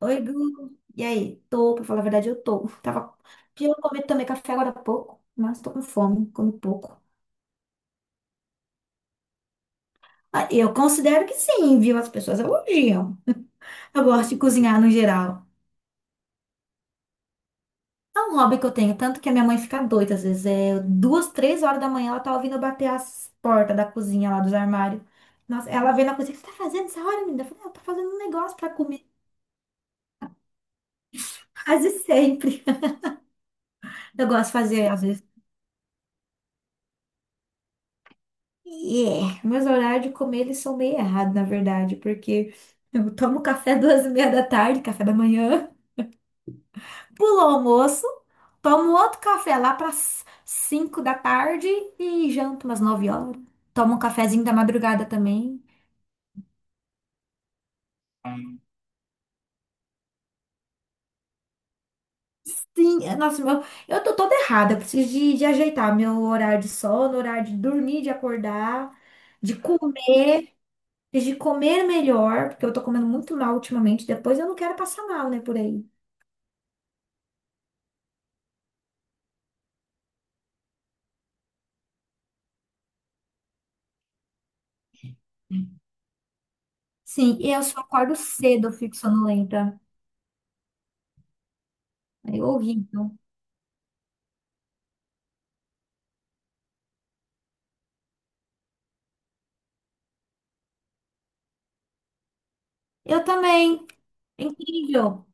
Oi, Gu. E aí? Tô, pra falar a verdade, eu tô. Tava... Eu comi também café agora há pouco, mas tô com fome, comi pouco. Ah, eu considero que sim, viu? As pessoas elogiam. Eu gosto de cozinhar no geral. É um hobby que eu tenho, tanto que a minha mãe fica doida às vezes. É duas, três horas da manhã, ela tá ouvindo eu bater as portas da cozinha lá dos armários. Nossa, ela vem na cozinha, o que você tá fazendo essa hora, menina? Eu falei, "Ah, eu tô fazendo um negócio pra comer. Quase sempre. Eu gosto de fazer, às vezes. E é, meus horários de comer eles são meio errados, na verdade, porque eu tomo café duas e meia da tarde, café da manhã, pulo o almoço, tomo outro café lá para cinco da tarde e janto umas 9 horas. Tomo um cafezinho da madrugada também. Sim, é, nossa, meu, eu tô toda errada, eu preciso de ajeitar meu horário de sono, horário de dormir, de acordar, de comer, de comer melhor, porque eu tô comendo muito mal ultimamente, depois eu não quero passar mal, né, por aí. Sim, eu só acordo cedo, eu fico sonolenta. É horrível. Eu também. É incrível.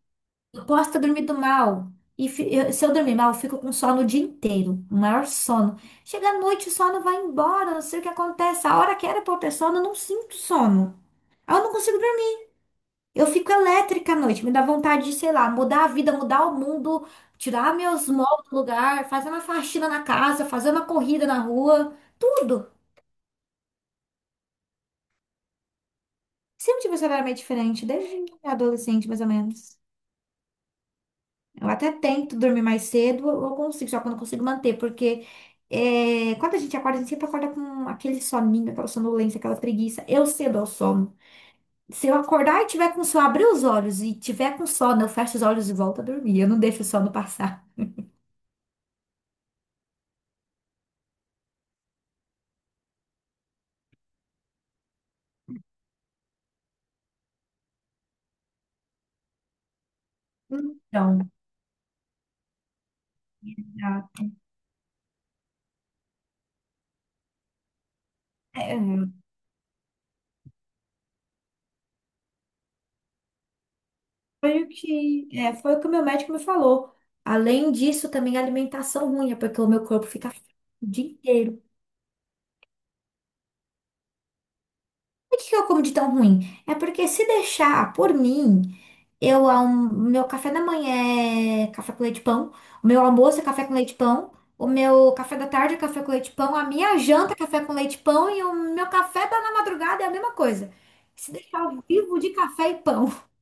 Eu posso ter dormido mal. Se eu dormir mal, eu fico com sono o dia inteiro. O maior sono. Chega à noite, o sono vai embora. Não sei o que acontece. A hora que era pra eu ter sono, eu não sinto sono. Aí eu não consigo dormir. Eu fico elétrica à noite. Me dá vontade de, sei lá, mudar a vida, mudar o mundo, tirar meus móveis do lugar, fazer uma faxina na casa, fazer uma corrida na rua. Tudo. Sempre tive esse horário meio diferente, desde adolescente, mais ou menos. Eu até tento dormir mais cedo, eu consigo, só que eu não consigo manter, porque é, quando a gente acorda, a gente sempre acorda com aquele soninho, aquela sonolência, aquela preguiça. Eu cedo ao sono. Se eu acordar e tiver com sono, abrir os olhos e tiver com sono, eu fecho os olhos e volto a dormir. Eu não deixo o sono passar. Então, já- é, foi o que o meu médico me falou. Além disso, também a alimentação ruim, é porque o meu corpo fica fraco o dia inteiro. Por que que eu como de tão ruim? É porque se deixar por mim, meu café da manhã é café com leite e pão, o meu almoço é café com leite e pão, o meu café da tarde é café com leite e pão, a minha janta é café com leite e pão e o meu café da na madrugada é a mesma coisa. Se deixar eu vivo de café e pão.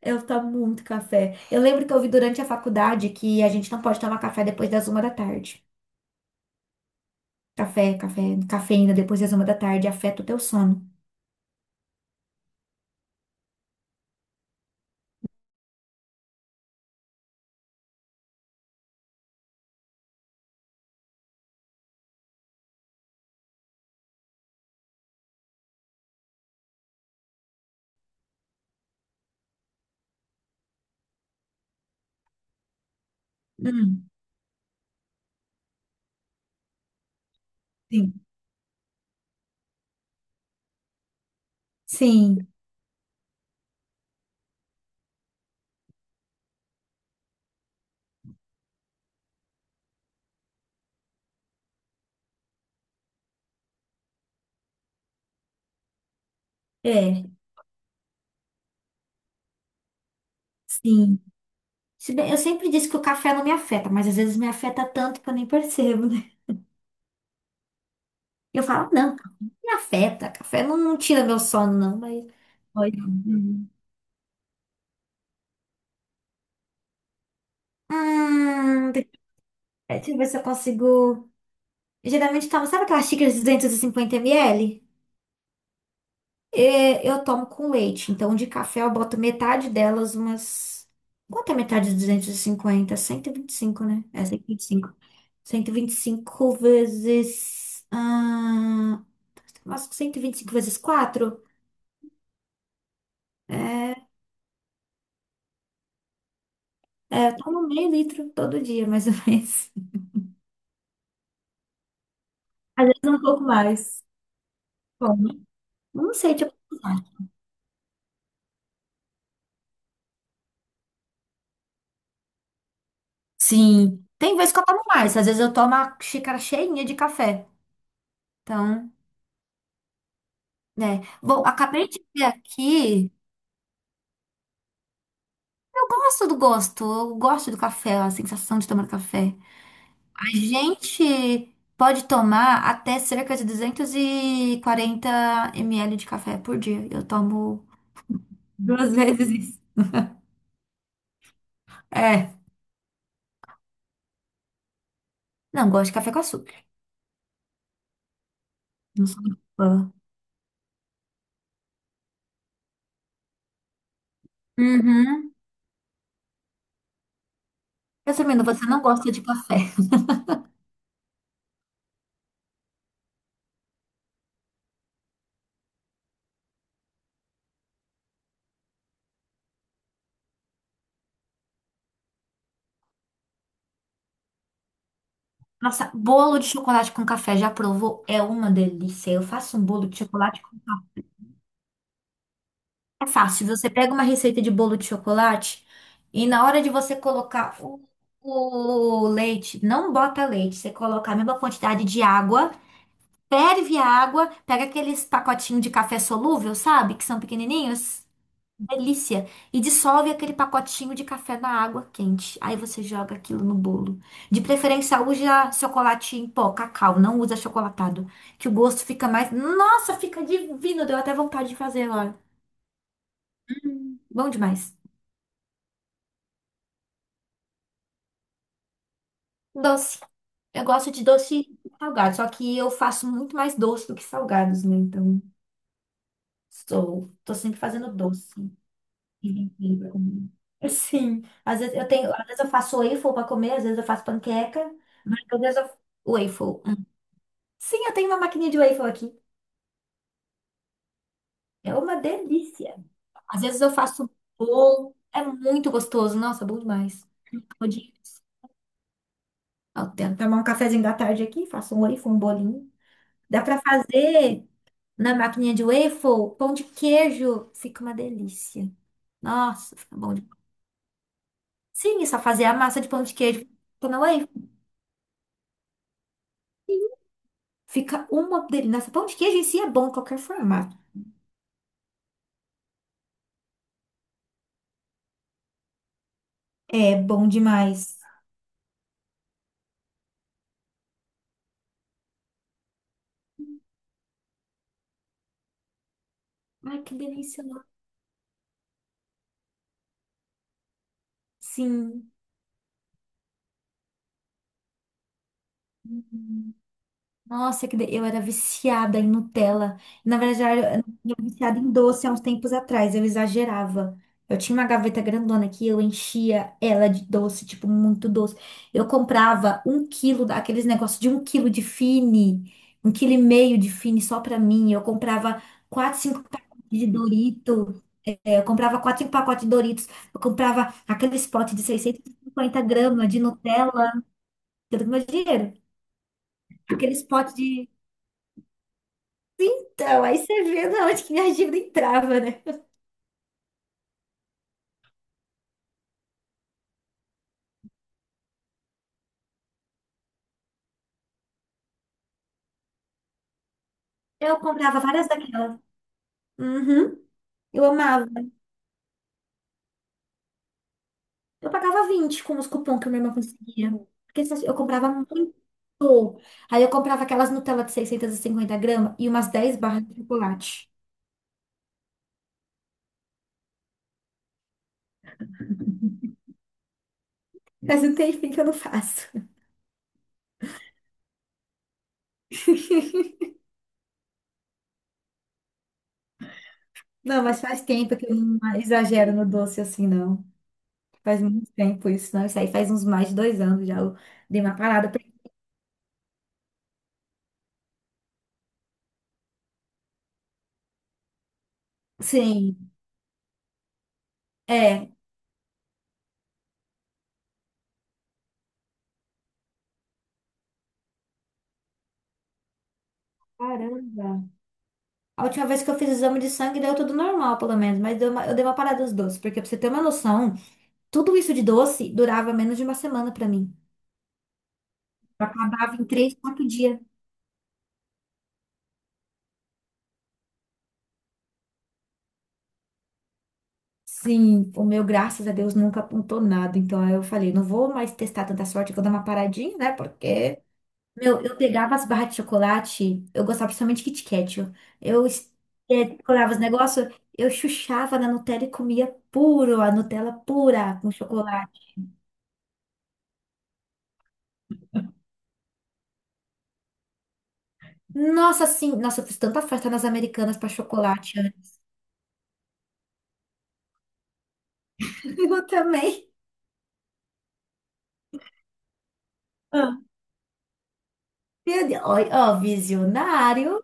Eu tomo muito café. Eu lembro que eu vi durante a faculdade que a gente não pode tomar café depois das 1 da tarde. Café, café, cafeína depois das 1 da tarde afeta o teu sono. Hum, sim. Sim, é. Sim. Se bem, eu sempre disse que o café não me afeta, mas às vezes me afeta tanto que eu nem percebo, né? Eu falo, não, café não me afeta, café não, não tira meu sono, não, mas. Pode. Uhum. Hum, deixa deixa eu ver se eu consigo. Eu geralmente tomo, sabe aquelas xícaras de 250 ml? É, eu tomo com leite, então de café eu boto metade delas, umas. Quanto é metade de duzentos e cinquenta? Cento e vinte e cinco, né? É 125. Cento e vinte e cinco vezes. Ah, acho que 125 vezes quatro. É, toma um meio litro todo dia, mais ou menos. Às vezes um pouco mais. Bom, não sei, tipo. Sim, tem vezes que eu tomo mais. Às vezes eu tomo uma xícara cheinha de café. Então, né. Bom, acabei de ver aqui. Eu gosto do gosto. Eu gosto do café, a sensação de tomar café. A gente pode tomar até cerca de 240 ml de café por dia. Eu tomo duas vezes isso. É. Não gosto de café com açúcar. Não sou muito fã. Uhum. Resumindo, você não gosta de café. Nossa, bolo de chocolate com café, já provou? É uma delícia. Eu faço um bolo de chocolate com café. É fácil. Você pega uma receita de bolo de chocolate e na hora de você colocar o leite, não bota leite, você coloca a mesma quantidade de água. Ferve a água, pega aqueles pacotinhos de café solúvel, sabe? Que são pequenininhos. Delícia. E dissolve aquele pacotinho de café na água quente. Aí você joga aquilo no bolo. De preferência, usa chocolate em pó, cacau. Não usa achocolatado. Que o gosto fica mais. Nossa, fica divino. Deu até vontade de fazer agora. Bom demais. Doce. Eu gosto de doce salgado. Só que eu faço muito mais doce do que salgados, né? Então, sou. Tô sempre fazendo doce. Para comer. Sim, às vezes eu tenho, às vezes eu faço waffle para comer, às vezes eu faço panqueca, mas às vezes eu waffle. Hum. Sim, eu tenho uma maquininha de waffle aqui. É uma delícia. Às vezes eu faço bolo, é muito gostoso. Nossa, é bom demais. Pudim. Eu tento tomar um cafezinho da tarde aqui, faço um waffle, um bolinho. Dá para fazer na maquininha de waffle, pão de queijo, fica uma delícia. Nossa, fica bom demais. Sim, é só fazer a massa de pão de queijo, pôr na waffle. Fica uma delícia. Nossa, pão de queijo em si é bom em qualquer formato. É bom demais. Ai, que delícia, né? Sim. Uhum. Nossa, eu era viciada em Nutella. Na verdade, eu era viciada em doce há uns tempos atrás. Eu exagerava. Eu tinha uma gaveta grandona que eu enchia ela de doce, tipo, muito doce. Eu comprava 1 quilo daqueles negócios de 1 quilo de Fini, 1 quilo e meio de Fini só pra mim. Eu comprava quatro, cinco pacotes de Dorito. Eu comprava quatro pacotes de Doritos. Eu comprava aqueles potes de 650 gramas de Nutella. Tudo com meu dinheiro. Aqueles potes de... Então, aí você vê de onde que minha dívida entrava, né? Eu comprava várias daquelas. Uhum. Eu amava. Eu pagava 20 com os cupons que minha irmã conseguia. Porque eu comprava muito. Aí eu comprava aquelas Nutella de 650 gramas e umas 10 barras de chocolate. Mas não tem fim que eu não faço. Não, mas faz tempo que eu não exagero no doce assim, não. Faz muito tempo isso, não? Isso aí faz uns mais de 2 anos já. Eu dei uma parada. Sim, é. Caramba. A última vez que eu fiz exame de sangue deu tudo normal, pelo menos, mas eu dei uma parada dos doces, porque pra você ter uma noção, tudo isso de doce durava menos de uma semana pra mim. Eu acabava em três, quatro dias. Sim, o meu, graças a Deus, nunca apontou nada. Então aí eu falei, não vou mais testar tanta sorte que eu dou uma paradinha, né? Porque meu, eu pegava as barras de chocolate, eu gostava principalmente de Kit Kat, ó. Eu, colava os negócios, eu chuchava na Nutella e comia puro, a Nutella pura com chocolate. Nossa, sim, nossa, eu fiz tanta festa nas Americanas pra chocolate, né? Eu também. Ah. Meu Deus, ó, ó, visionário.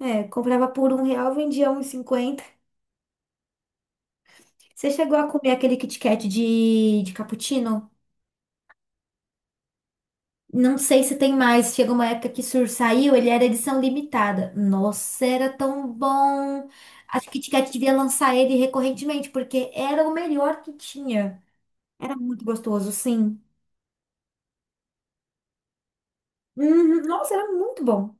É, comprava por R$ 1, vendia 1,50. Você chegou a comer aquele Kit Kat de cappuccino? Não sei se tem mais. Chega uma época que Sur saiu, ele era edição limitada. Nossa, era tão bom. Acho que Kit Kat devia lançar ele recorrentemente, porque era o melhor que tinha. Era muito gostoso, sim. Uhum, nossa, era muito bom.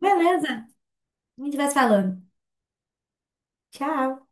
Beleza. A gente vai se falando. Tchau.